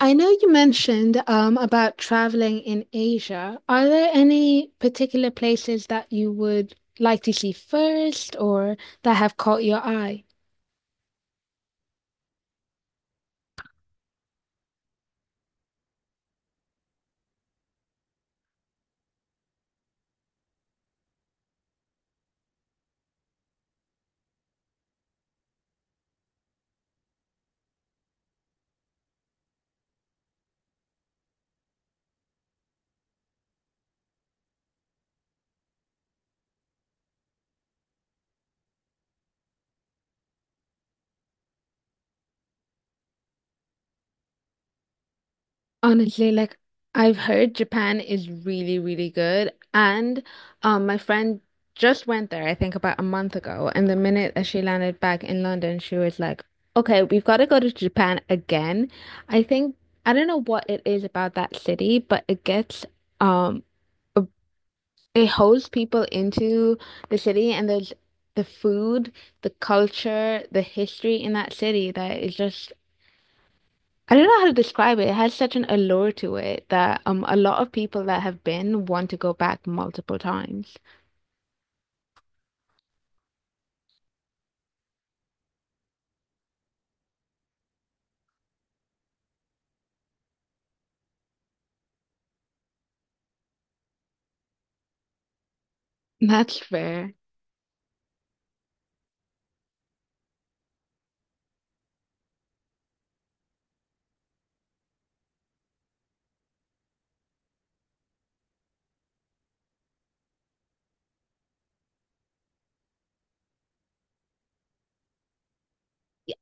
I know you mentioned about traveling in Asia. Are there any particular places that you would like to see first or that have caught your eye? Honestly, like I've heard Japan is really, really good. And my friend just went there, I think about a month ago. And the minute that she landed back in London, she was like, okay, we've got to go to Japan again. I think, I don't know what it is about that city, but it gets um, It holds people into the city and there's the food, the culture, the history in that city that is just I don't know how to describe it. It has such an allure to it that a lot of people that have been want to go back multiple times. That's fair.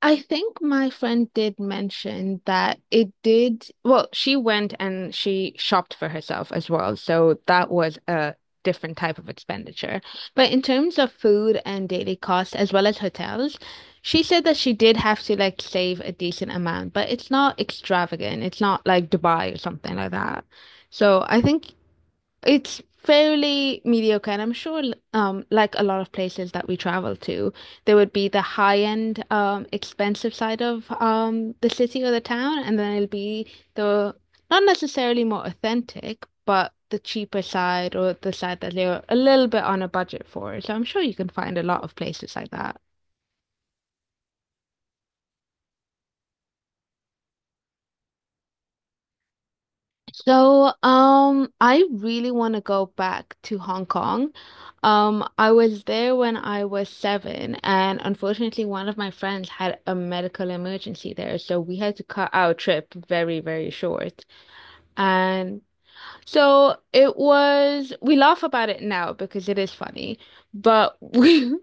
I think my friend did mention that it did. Well, she went and she shopped for herself as well. So that was a different type of expenditure. But in terms of food and daily costs, as well as hotels, she said that she did have to like save a decent amount, but it's not extravagant. It's not like Dubai or something like that. So I think it's fairly mediocre, and I'm sure, like a lot of places that we travel to, there would be the high-end, expensive side of the city or the town, and then it'll be the not necessarily more authentic, but the cheaper side or the side that they're a little bit on a budget for. So I'm sure you can find a lot of places like that. So, I really want to go back to Hong Kong. I was there when I was seven, and unfortunately, one of my friends had a medical emergency there, so we had to cut our trip very, very short. And so it was, we laugh about it now because it is funny, but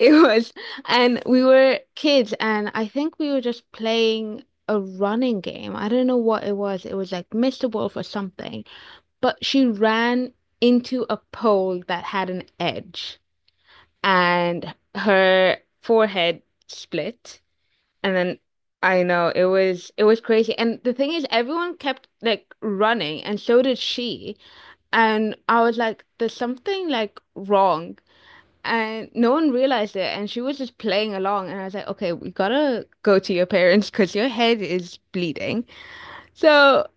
it was, and we were kids, and I think we were just playing a running game. I don't know what it was. It was like Mr. Wolf or something, but she ran into a pole that had an edge and her forehead split. And then I know it was crazy, and the thing is everyone kept like running, and so did she, and I was like there's something like wrong, and no one realized it, and she was just playing along, and I was like okay, we gotta go to your parents because your head is bleeding. So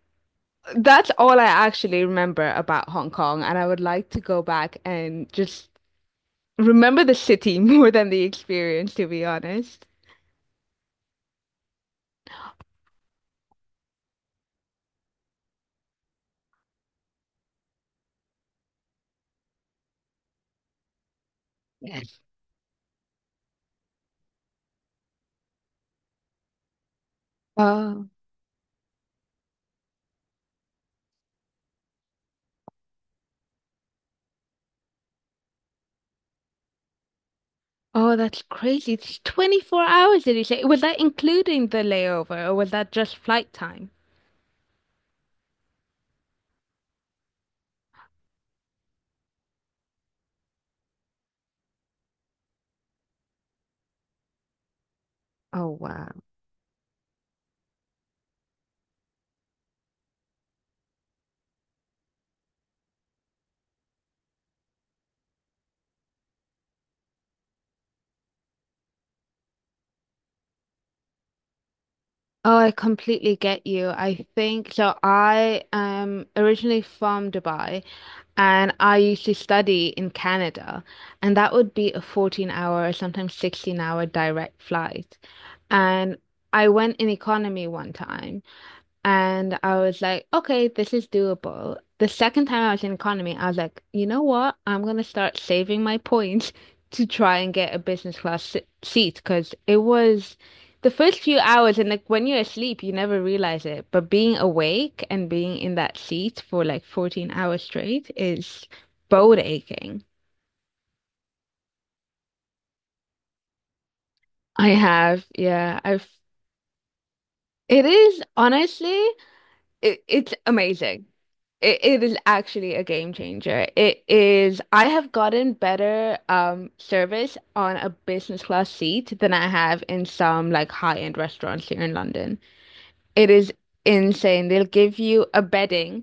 that's all I actually remember about Hong Kong, and I would like to go back and just remember the city more than the experience, to be honest. Yes. Oh, oh, that's crazy. It's 24 hours, did you say? Was that including the layover, or was that just flight time? Oh, wow. Oh, I completely get you. I think so. I am originally from Dubai, and I used to study in Canada, and that would be a 14 hour or sometimes 16-hour direct flight. And I went in economy one time. And I was like, okay, this is doable. The second time I was in economy, I was like, you know what? I'm gonna start saving my points to try and get a business class seat because it was the first few hours, and like when you're asleep, you never realize it. But being awake and being in that seat for like 14 hours straight is bone aching. I have, yeah, I've. It is honestly, it's amazing. It is actually a game changer. It is, I have gotten better service on a business class seat than I have in some like high-end restaurants here in London. It is insane. They'll give you a bedding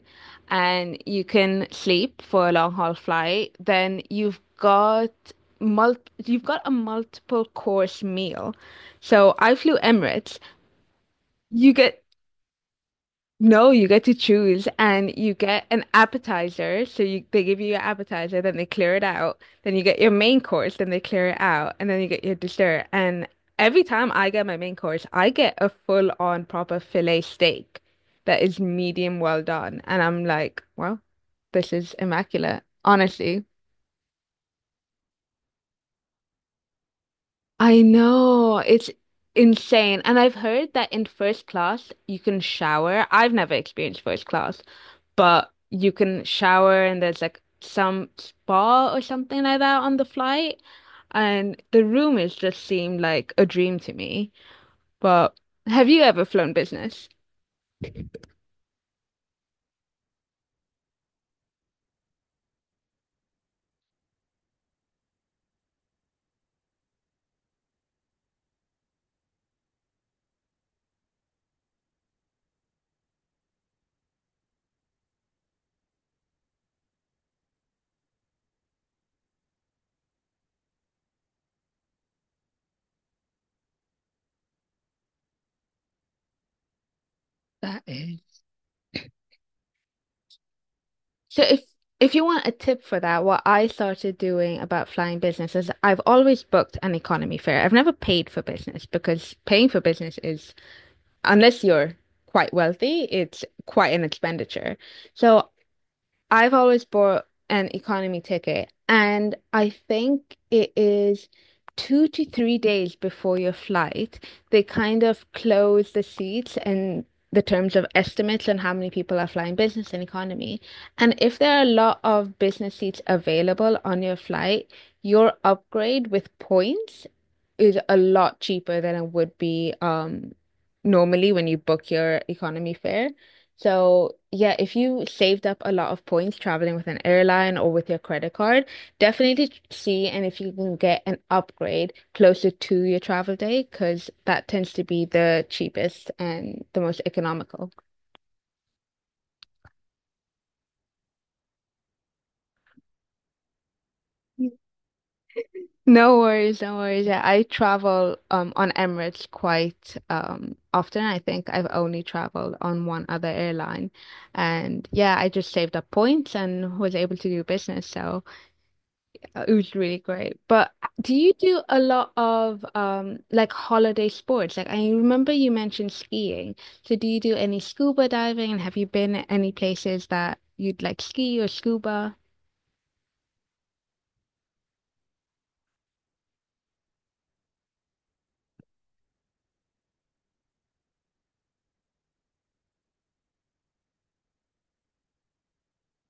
and you can sleep for a long haul flight. Then you've got mul you've got a multiple course meal. So I flew Emirates. You get no, you get to choose and you get an appetizer. So you they give you your appetizer, then they clear it out. Then you get your main course, then they clear it out, and then you get your dessert. And every time I get my main course, I get a full on proper fillet steak that is medium well done. And I'm like, well, this is immaculate, honestly. I know, it's insane. And I've heard that in first class you can shower. I've never experienced first class. But you can shower and there's like some spa or something like that on the flight. And the rumors just seemed like a dream to me. But have you ever flown business? That is. So if you want a tip for that, what I started doing about flying business is I've always booked an economy fare. I've never paid for business because paying for business is, unless you're quite wealthy, it's quite an expenditure. So I've always bought an economy ticket, and I think it is 2 to 3 days before your flight. They kind of close the seats and the terms of estimates and how many people are flying business and economy. And if there are a lot of business seats available on your flight, your upgrade with points is a lot cheaper than it would be normally when you book your economy fare. So, yeah, if you saved up a lot of points traveling with an airline or with your credit card, definitely see and if you can get an upgrade closer to your travel day, because that tends to be the cheapest and the most economical. Yeah. No worries, no worries. Yeah, I travel on Emirates quite often. I think I've only traveled on one other airline. And yeah, I just saved up points and was able to do business. So it was really great. But do you do a lot of like holiday sports? Like I remember you mentioned skiing. So do you do any scuba diving, and have you been at any places that you'd like ski or scuba?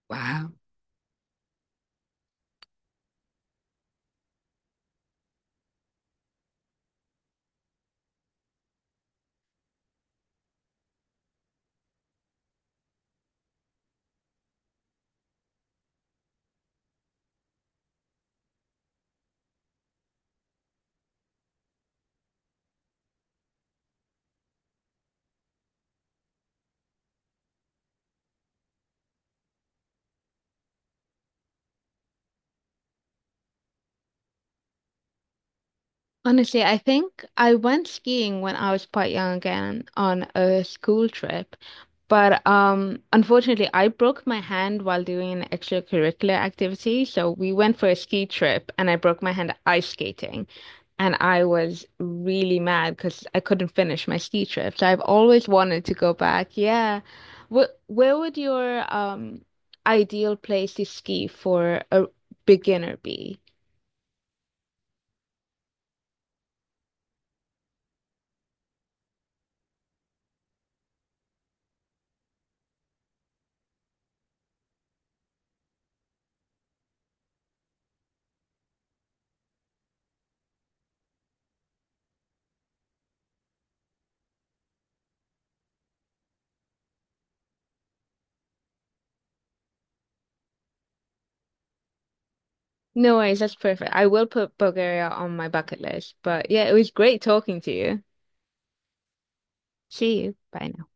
Wow. Honestly, I think I went skiing when I was quite young again on a school trip. But unfortunately, I broke my hand while doing an extracurricular activity. So we went for a ski trip and I broke my hand ice skating. And I was really mad because I couldn't finish my ski trip. So I've always wanted to go back. Yeah. Where would your ideal place to ski for a beginner be? No worries, that's perfect. I will put Bulgaria on my bucket list. But yeah, it was great talking to you. See you. Bye now.